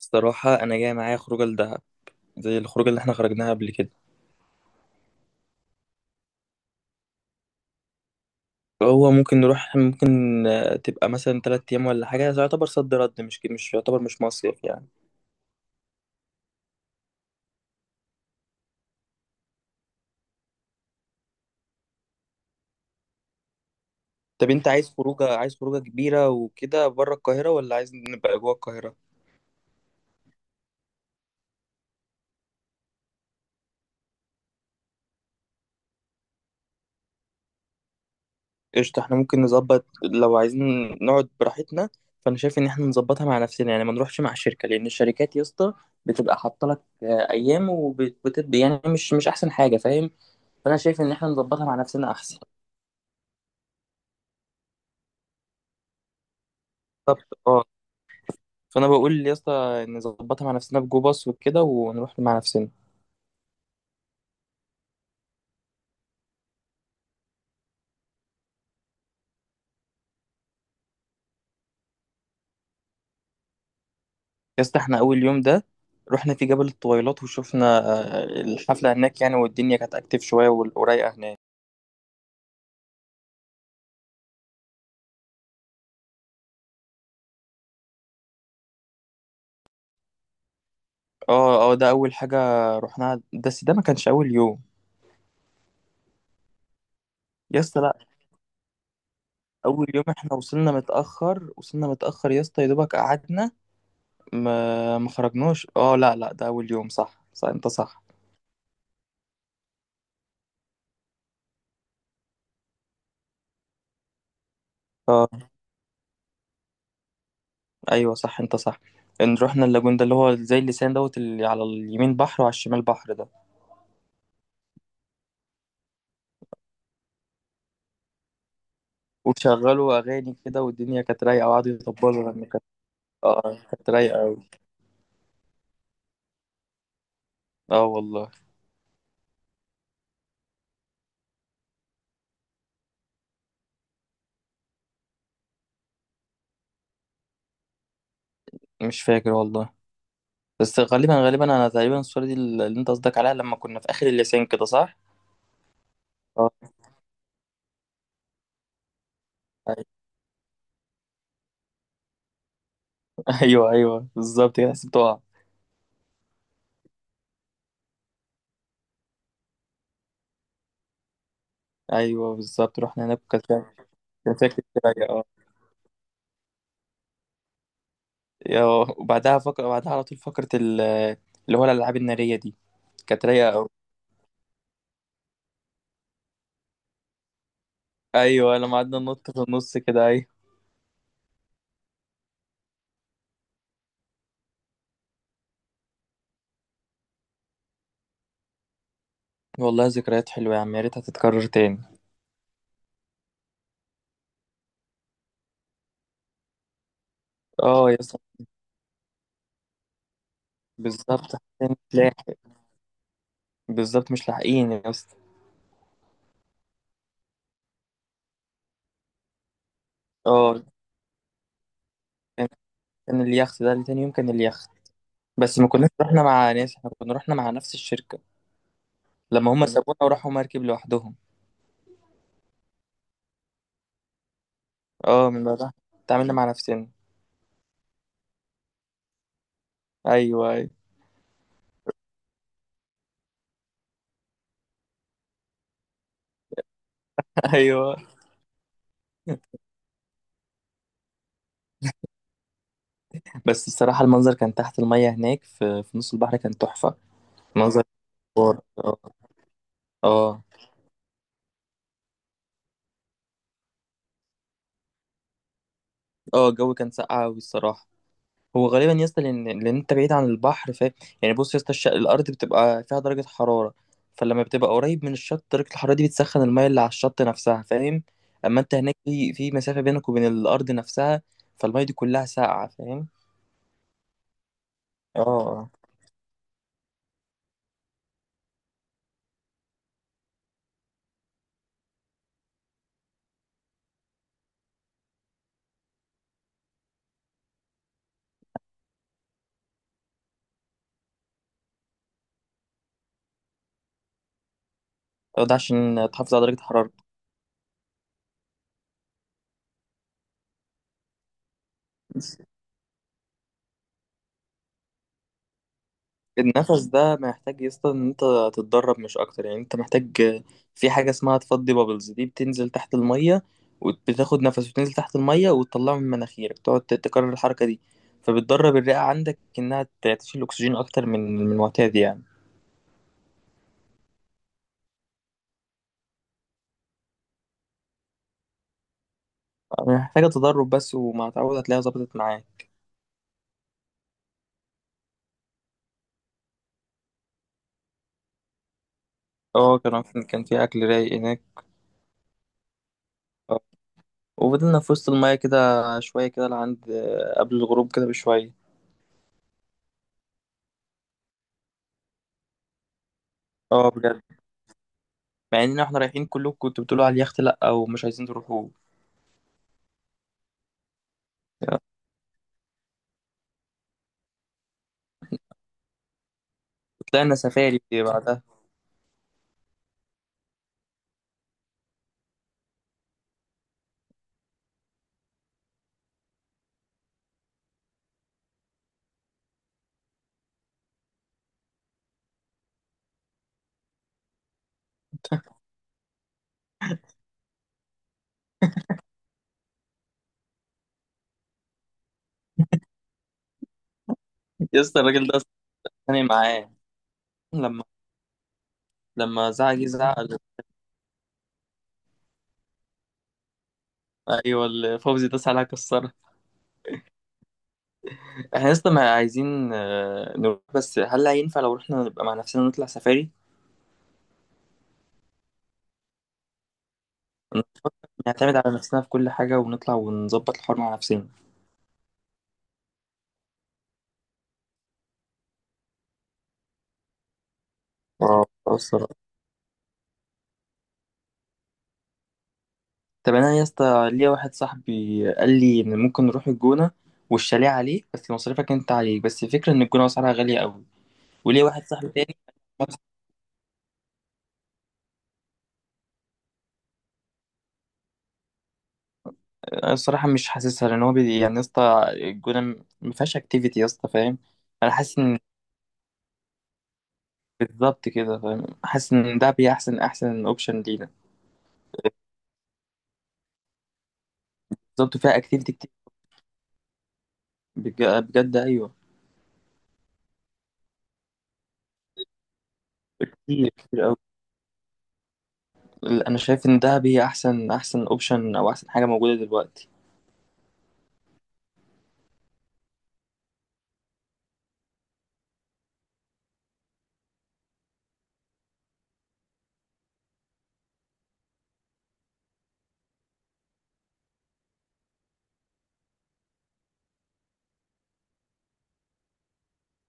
الصراحة أنا جاي معايا خروجة لدهب زي الخروجة اللي احنا خرجناها قبل كده. فهو ممكن نروح ممكن، تبقى مثلا تلات أيام ولا حاجة. ده يعتبر صد رد، مش يعتبر مش مصيف يعني. طب أنت عايز خروجة كبيرة وكده بره القاهرة ولا عايز نبقى جوه القاهرة؟ قشطة. احنا ممكن نظبط لو عايزين نقعد براحتنا. فأنا شايف إن احنا نظبطها مع نفسنا، يعني ما نروحش مع الشركة، لأن الشركات يا اسطى بتبقى حاطة لك أيام، وبتبقى يعني مش أحسن حاجة، فاهم؟ فأنا شايف إن احنا نظبطها مع نفسنا أحسن. بالظبط، اه. فانا بقول يا اسطى نظبطها مع نفسنا، بجو باص وكده ونروح مع نفسنا. يا اسطى احنا اول يوم ده رحنا في جبل الطويلات، وشفنا الحفله هناك يعني، والدنيا كانت اكتف شويه، ورايقه هناك. اه اه، ده اول حاجه رحناها، بس ده ما كانش اول يوم. يا اسطى لا، اول يوم احنا وصلنا متاخر، وصلنا متاخر يا اسطى، يا دوبك قعدنا، ما خرجناش. اه لا لا، ده اول يوم، صح صح، انت صح. اه، ايوه صح، انت صح. ان رحنا اللاجون ده اللي هو زي اللسان دوت، اللي على اليمين بحر وعلى الشمال بحر ده. وشغلوا اغاني كده، والدنيا كانت رايقه، وقعدوا يطبلوا لما كانت. اه، كانت رايقه قوي. اه والله. مش فاكر والله. بس غالبا غالبا انا تقريبا الصوره دي اللي انت قصدك عليها، لما كنا في اخر اللسان كده، صح. اه. أي- ايوه ايوه، بالظبط كده، حسيت بتقع. ايوه بالظبط، رحنا هناك، كانت فاكر رايقه، اه. يا- وبعدها، وبعدها على طول فكره اللي هو الالعاب الناريه دي، كانت رايقه قوي. ايوه لما قعدنا ننط في النص كده، ايوه. والله ذكريات حلوه يا عم، يا ريتها تتكرر تاني. اه يا اسطى. بالظبط، عشان تلاقي. بالظبط، مش لاحقين يا اسطى. اه، كان كان اليخت ده اللي تاني يوم، كان اليخت. بس ما كناش رحنا مع ناس، احنا كنا رحنا مع نفس الشركة. لما هم سابونا وراحوا مركب لوحدهم. اه، من بعدها اتعاملنا مع نفسنا. ايوه ايوه. ايوه. بس الصراحة، المنظر كان تحت المية هناك في نص البحر، كان تحفة. منظر جبار. اه. اه. اه، الجو كان ساقع أوي الصراحة. هو غالبا يا اسطى، لان انت بعيد عن البحر، ف. يعني بص يا اسطى، الارض بتبقى فيها درجه حراره، فلما بتبقى قريب من الشط، درجه الحراره دي بتسخن الميه اللي على الشط نفسها، فاهم؟ اما انت هناك في مسافه بينك وبين الارض نفسها، فالميه دي كلها ساقعه، فاهم؟ اه، آه. ده عشان تحافظ على درجه حرارتك. النفس ده محتاج يا اسطى ان انت تتدرب، مش اكتر يعني. انت محتاج في حاجه اسمها تفضي بابلز، دي بتنزل تحت الميه، وبتاخد نفس وتنزل تحت الميه وتطلعه من مناخيرك، تقعد تكرر الحركه دي، فبتدرب الرئه عندك انها تشيل اكسجين اكتر من المعتاد يعني. محتاجه تدرب بس، ومع تعود هتلاقيها ظبطت معاك. اه، كان في اكل رايق هناك. اه. وفضلنا في وسط الميه كده شويه كده، لعند قبل الغروب كده بشويه. اه بجد. مع ان احنا رايحين، كلكم كنتوا بتقولوا على اليخت لا ومش عايزين تروحوا. طلعنا سفاري بعدها. يا اسطى الراجل ده اصلا اتخانق معاه، لما لما زعق جه زعق له. ايوه، اللي فوزي ده ساعة كسرها. احنا يا اسطى ما عايزين نروح، بس هل هينفع لو رحنا نبقى مع نفسنا ونطلع سفاري؟ نعتمد على نفسنا في كل حاجة، ونطلع ونظبط الحوار مع نفسنا. اه الصراحة. طب انا يا اسطى ليا واحد صاحبي قال لي ان ممكن نروح الجونة، والشاليه عليك، بس مصاريفك انت عليك، بس الفكرة ان الجونة اسعارها غالية قوي. وليا واحد صاحبي تاني. انا الصراحه مش حاسسها، لان هو يعني يا اسطى الجونه ما فيهاش اكتيفيتي يا اسطى، فاهم؟ انا حاسس ان، بالظبط كده فاهم، حاسس ان ده احسن اوبشن لينا. بالظبط، فيها اكتيفيتي كتير. بجد، ايوه. كتير كتير قوي. انا شايف ان ده احسن اوبشن، او احسن حاجه موجوده دلوقتي.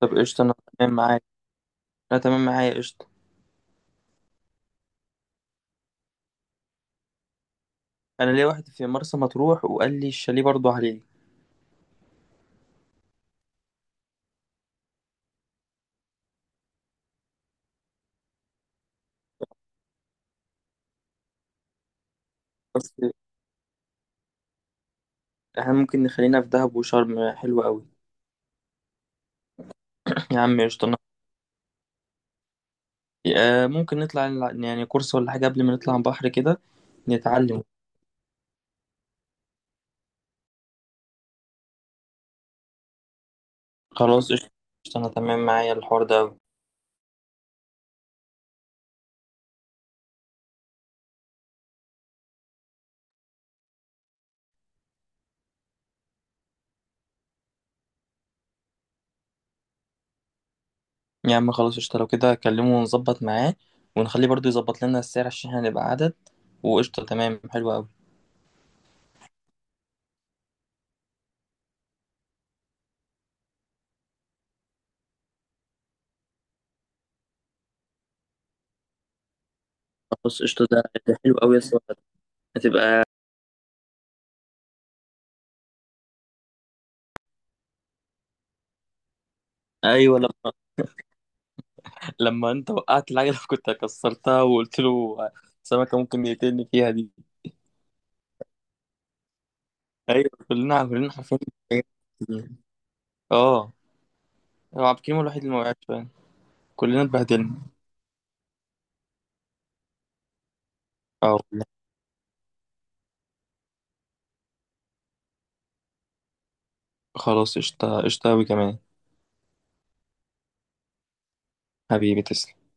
طب قشطه، انا تمام معاك. انا تمام معايا، قشطه. انا ليا واحد في مرسى مطروح وقال لي الشاليه برضه عليه. بس احنا ممكن نخلينا في دهب وشرم، حلوة قوي. يا عم قشطه. ممكن نطلع يعني كورس ولا حاجة قبل ما نطلع البحر كده. نتعلم. خلاص قشطة، قشطة، أنا تمام معايا الحوار ده أوي. يا عم خلاص قشطة، لو كده أكلمه ونظبط معاه، ونخليه برضه يظبط لنا السعر عشان احنا نبقى عدد. وقشطة تمام، حلو أوي. خلاص قشطة، ده حلو أوي يا اسطى. هتبقى. أيوة لما. لما أنت وقعت العجلة، كنت كسرتها، وقلت له سمكة ممكن يقتلني فيها دي. أيوة، كلنا كلنا حرفيا. اه، هو عبد الكريم هو الوحيد اللي ما وقعش فعلا. كلنا اتبهدلنا. اه خلاص قشطة، قشطة أوي كمان. حبيبي تسلم.